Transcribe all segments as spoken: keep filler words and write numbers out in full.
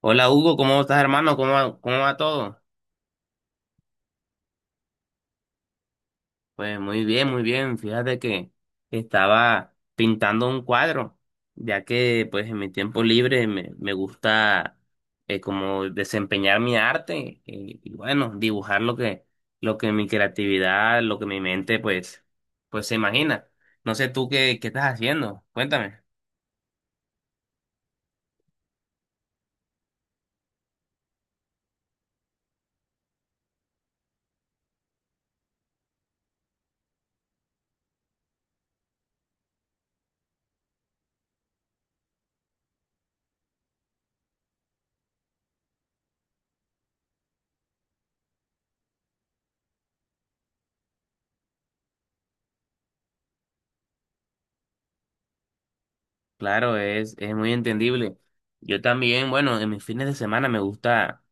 Hola Hugo, ¿cómo estás hermano? ¿Cómo va, cómo va todo? Pues muy bien, muy bien. Fíjate que estaba pintando un cuadro, ya que pues en mi tiempo libre me, me gusta eh, como desempeñar mi arte eh, y bueno, dibujar lo que, lo que mi creatividad, lo que mi mente pues, pues se imagina. No sé tú qué, qué estás haciendo, cuéntame. Claro, es, es muy entendible. Yo también, bueno, en mis fines de semana me gusta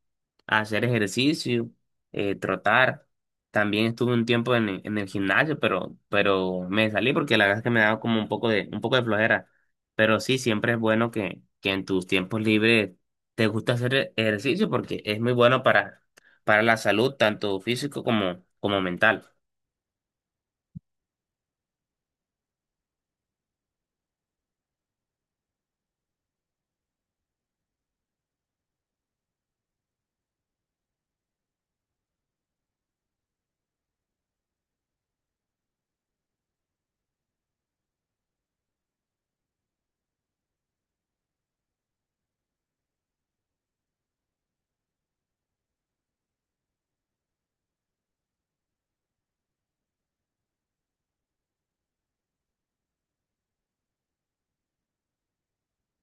hacer ejercicio, eh, trotar. También estuve un tiempo en, en el gimnasio, pero, pero me salí porque la verdad es que me daba como un poco de, un poco de flojera. Pero sí, siempre es bueno que, que en tus tiempos libres te gusta hacer e- ejercicio porque es muy bueno para, para la salud, tanto físico como, como mental.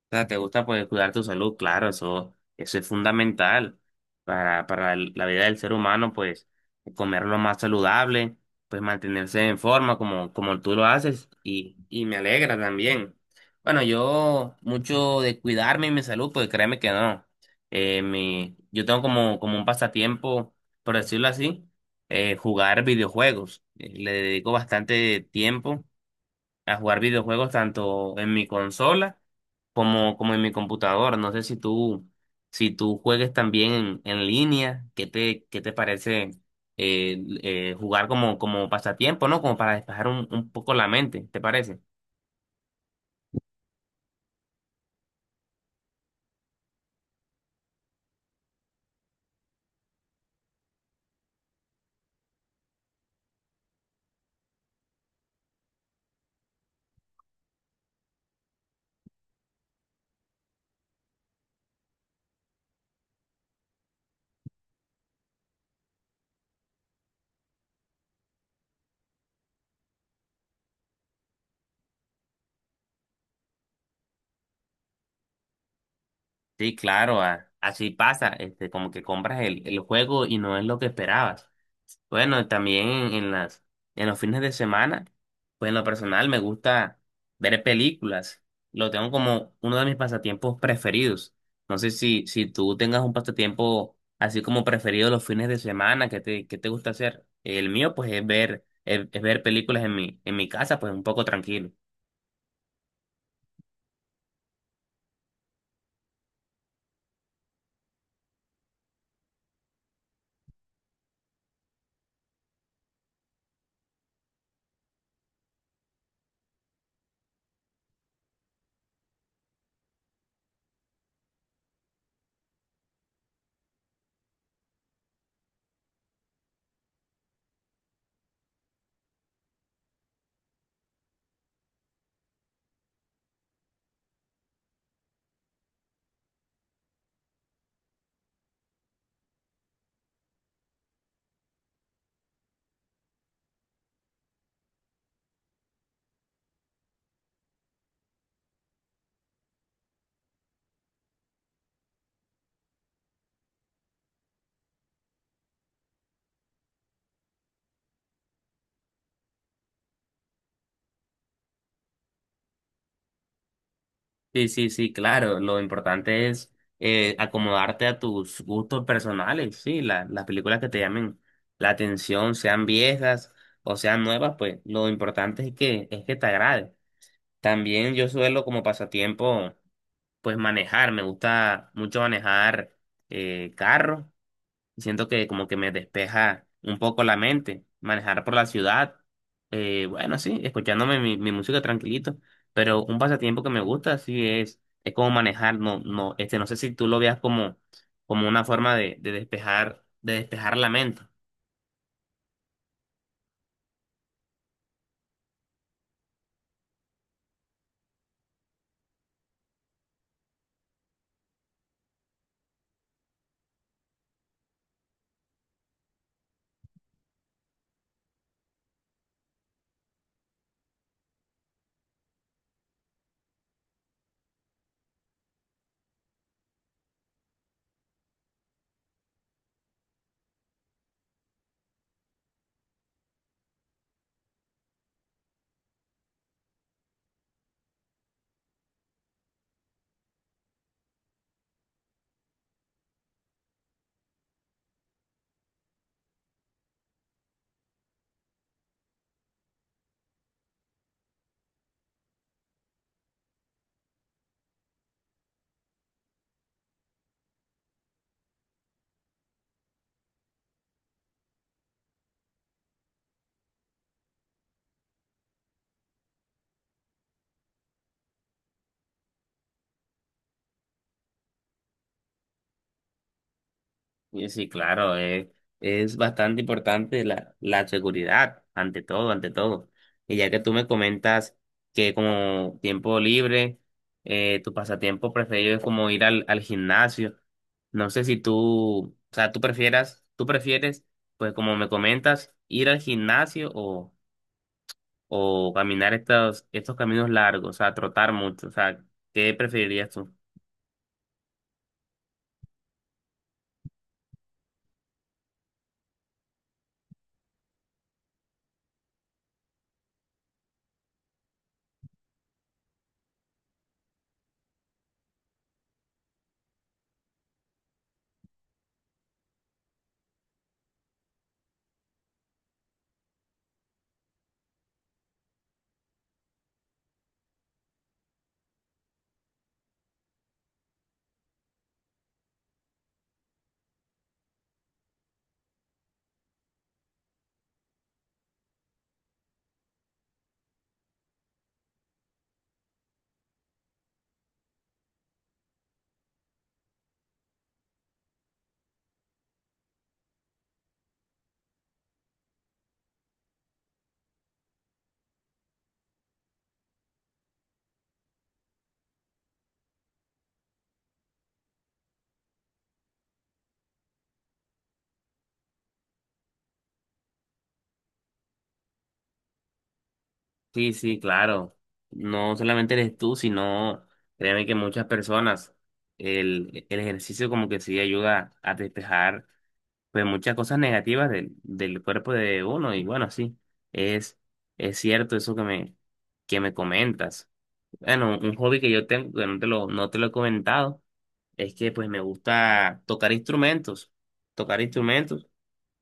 O sea, te gusta pues cuidar tu salud, claro, eso, eso es fundamental para, para el- la vida del ser humano, pues comer lo más saludable, pues mantenerse en forma como, como tú lo haces y, y me alegra también. Bueno, yo mucho de cuidarme y mi salud, pues créeme que no. Eh, mi, yo tengo como, como un pasatiempo, por decirlo así, eh, jugar videojuegos. Eh, Le dedico bastante tiempo a jugar videojuegos tanto en mi consola como, como en mi computadora. No sé si tú, si tú juegues también en, en línea. ¿Qué te, qué te parece eh, eh, jugar como, como pasatiempo, ¿no? Como para despejar un, un poco la mente, ¿te parece? Sí, claro, a- así pasa, este, como que compras el, el juego y no es lo que esperabas. Bueno, también en las, en los fines de semana, pues en lo personal me gusta ver películas. Lo tengo como uno de mis pasatiempos preferidos. No sé si, si tú tengas un pasatiempo así como preferido los fines de semana, ¿qué te, qué te gusta hacer? El mío, pues, es ver, es, es ver películas en mi, en mi casa, pues un poco tranquilo. Sí, sí, sí, claro. Lo importante es eh, acomodarte a tus gustos personales, sí. La- las películas que te llamen la atención, sean viejas o sean nuevas, pues lo importante es que, es que te agrade. También yo suelo como pasatiempo, pues manejar. Me gusta mucho manejar eh, carro y siento que como que me despeja un poco la mente, manejar por la ciudad, eh, bueno, sí, escuchándome mi, mi música tranquilito, pero un pasatiempo que me gusta, sí, es, es como manejar. No, no, este, no sé si tú lo veas como, como una forma de, de despejar, de despejar la mente. Y sí, claro, eh, es bastante importante la, la seguridad, ante todo, ante todo. Y ya que tú me comentas que como tiempo libre, eh, tu pasatiempo preferido es como ir al, al gimnasio. No sé si tú, o sea, tú prefieras, tú prefieres, pues como me comentas, ir al gimnasio o, o caminar estos, estos caminos largos, o sea, trotar mucho. O sea, ¿qué preferirías tú? Sí, sí, claro. No solamente eres tú, sino créeme que muchas personas, el, el ejercicio como que sí ayuda a despejar pues muchas cosas negativas del, del cuerpo de uno. Y bueno, sí, es, es cierto eso que me, que me comentas. Bueno, un hobby que yo tengo, que no te lo, no te lo he comentado, es que pues me gusta tocar instrumentos. Tocar instrumentos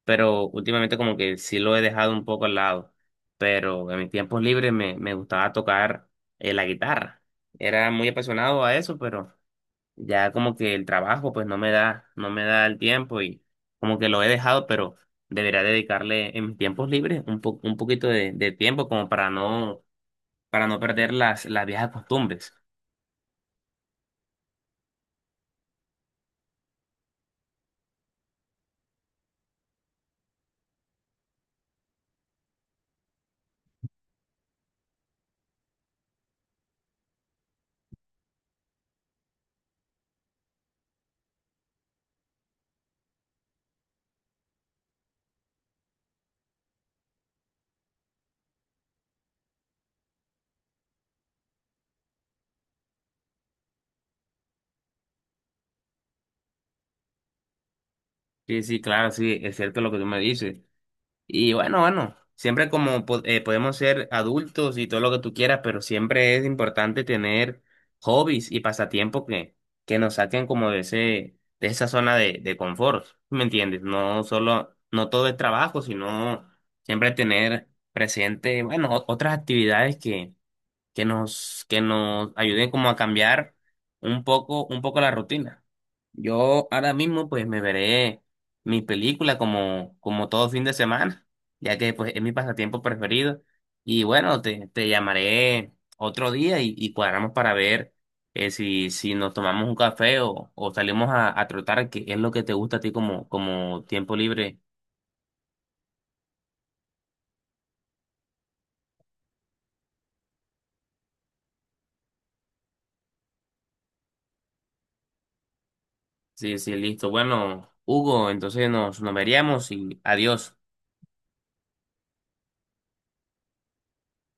pero últimamente como que sí lo he dejado un poco al lado. Pero en mis tiempos libres me, me gustaba tocar eh, la guitarra. Era muy apasionado a eso, pero ya como que el trabajo pues no me da, no me da el tiempo y como que lo he dejado, pero debería dedicarle en mis tiempos libres un po- un poquito de, de tiempo como para no, para no perder las, las viejas costumbres. Sí, sí, claro, sí, es cierto lo que tú me dices. Y bueno, bueno, siempre como po- eh, podemos ser adultos y todo lo que tú quieras, pero siempre es importante tener hobbies y pasatiempos que, que nos saquen como de ese, de esa zona de, de confort, ¿me entiendes? No solo, no todo es trabajo, sino siempre tener presente, bueno, o- otras actividades que nos, que nos ayuden como a cambiar un poco, un poco la rutina. Yo ahora mismo pues me veré mi película como, como todo fin de semana, ya que pues es mi pasatiempo preferido. Y bueno, te, te llamaré otro día y, y cuadramos para ver eh, si, si nos tomamos un café o, o salimos a, a trotar, que es lo que te gusta a ti como, como tiempo libre. Sí, sí, listo. Bueno, Hugo, entonces nos, nos veríamos y adiós.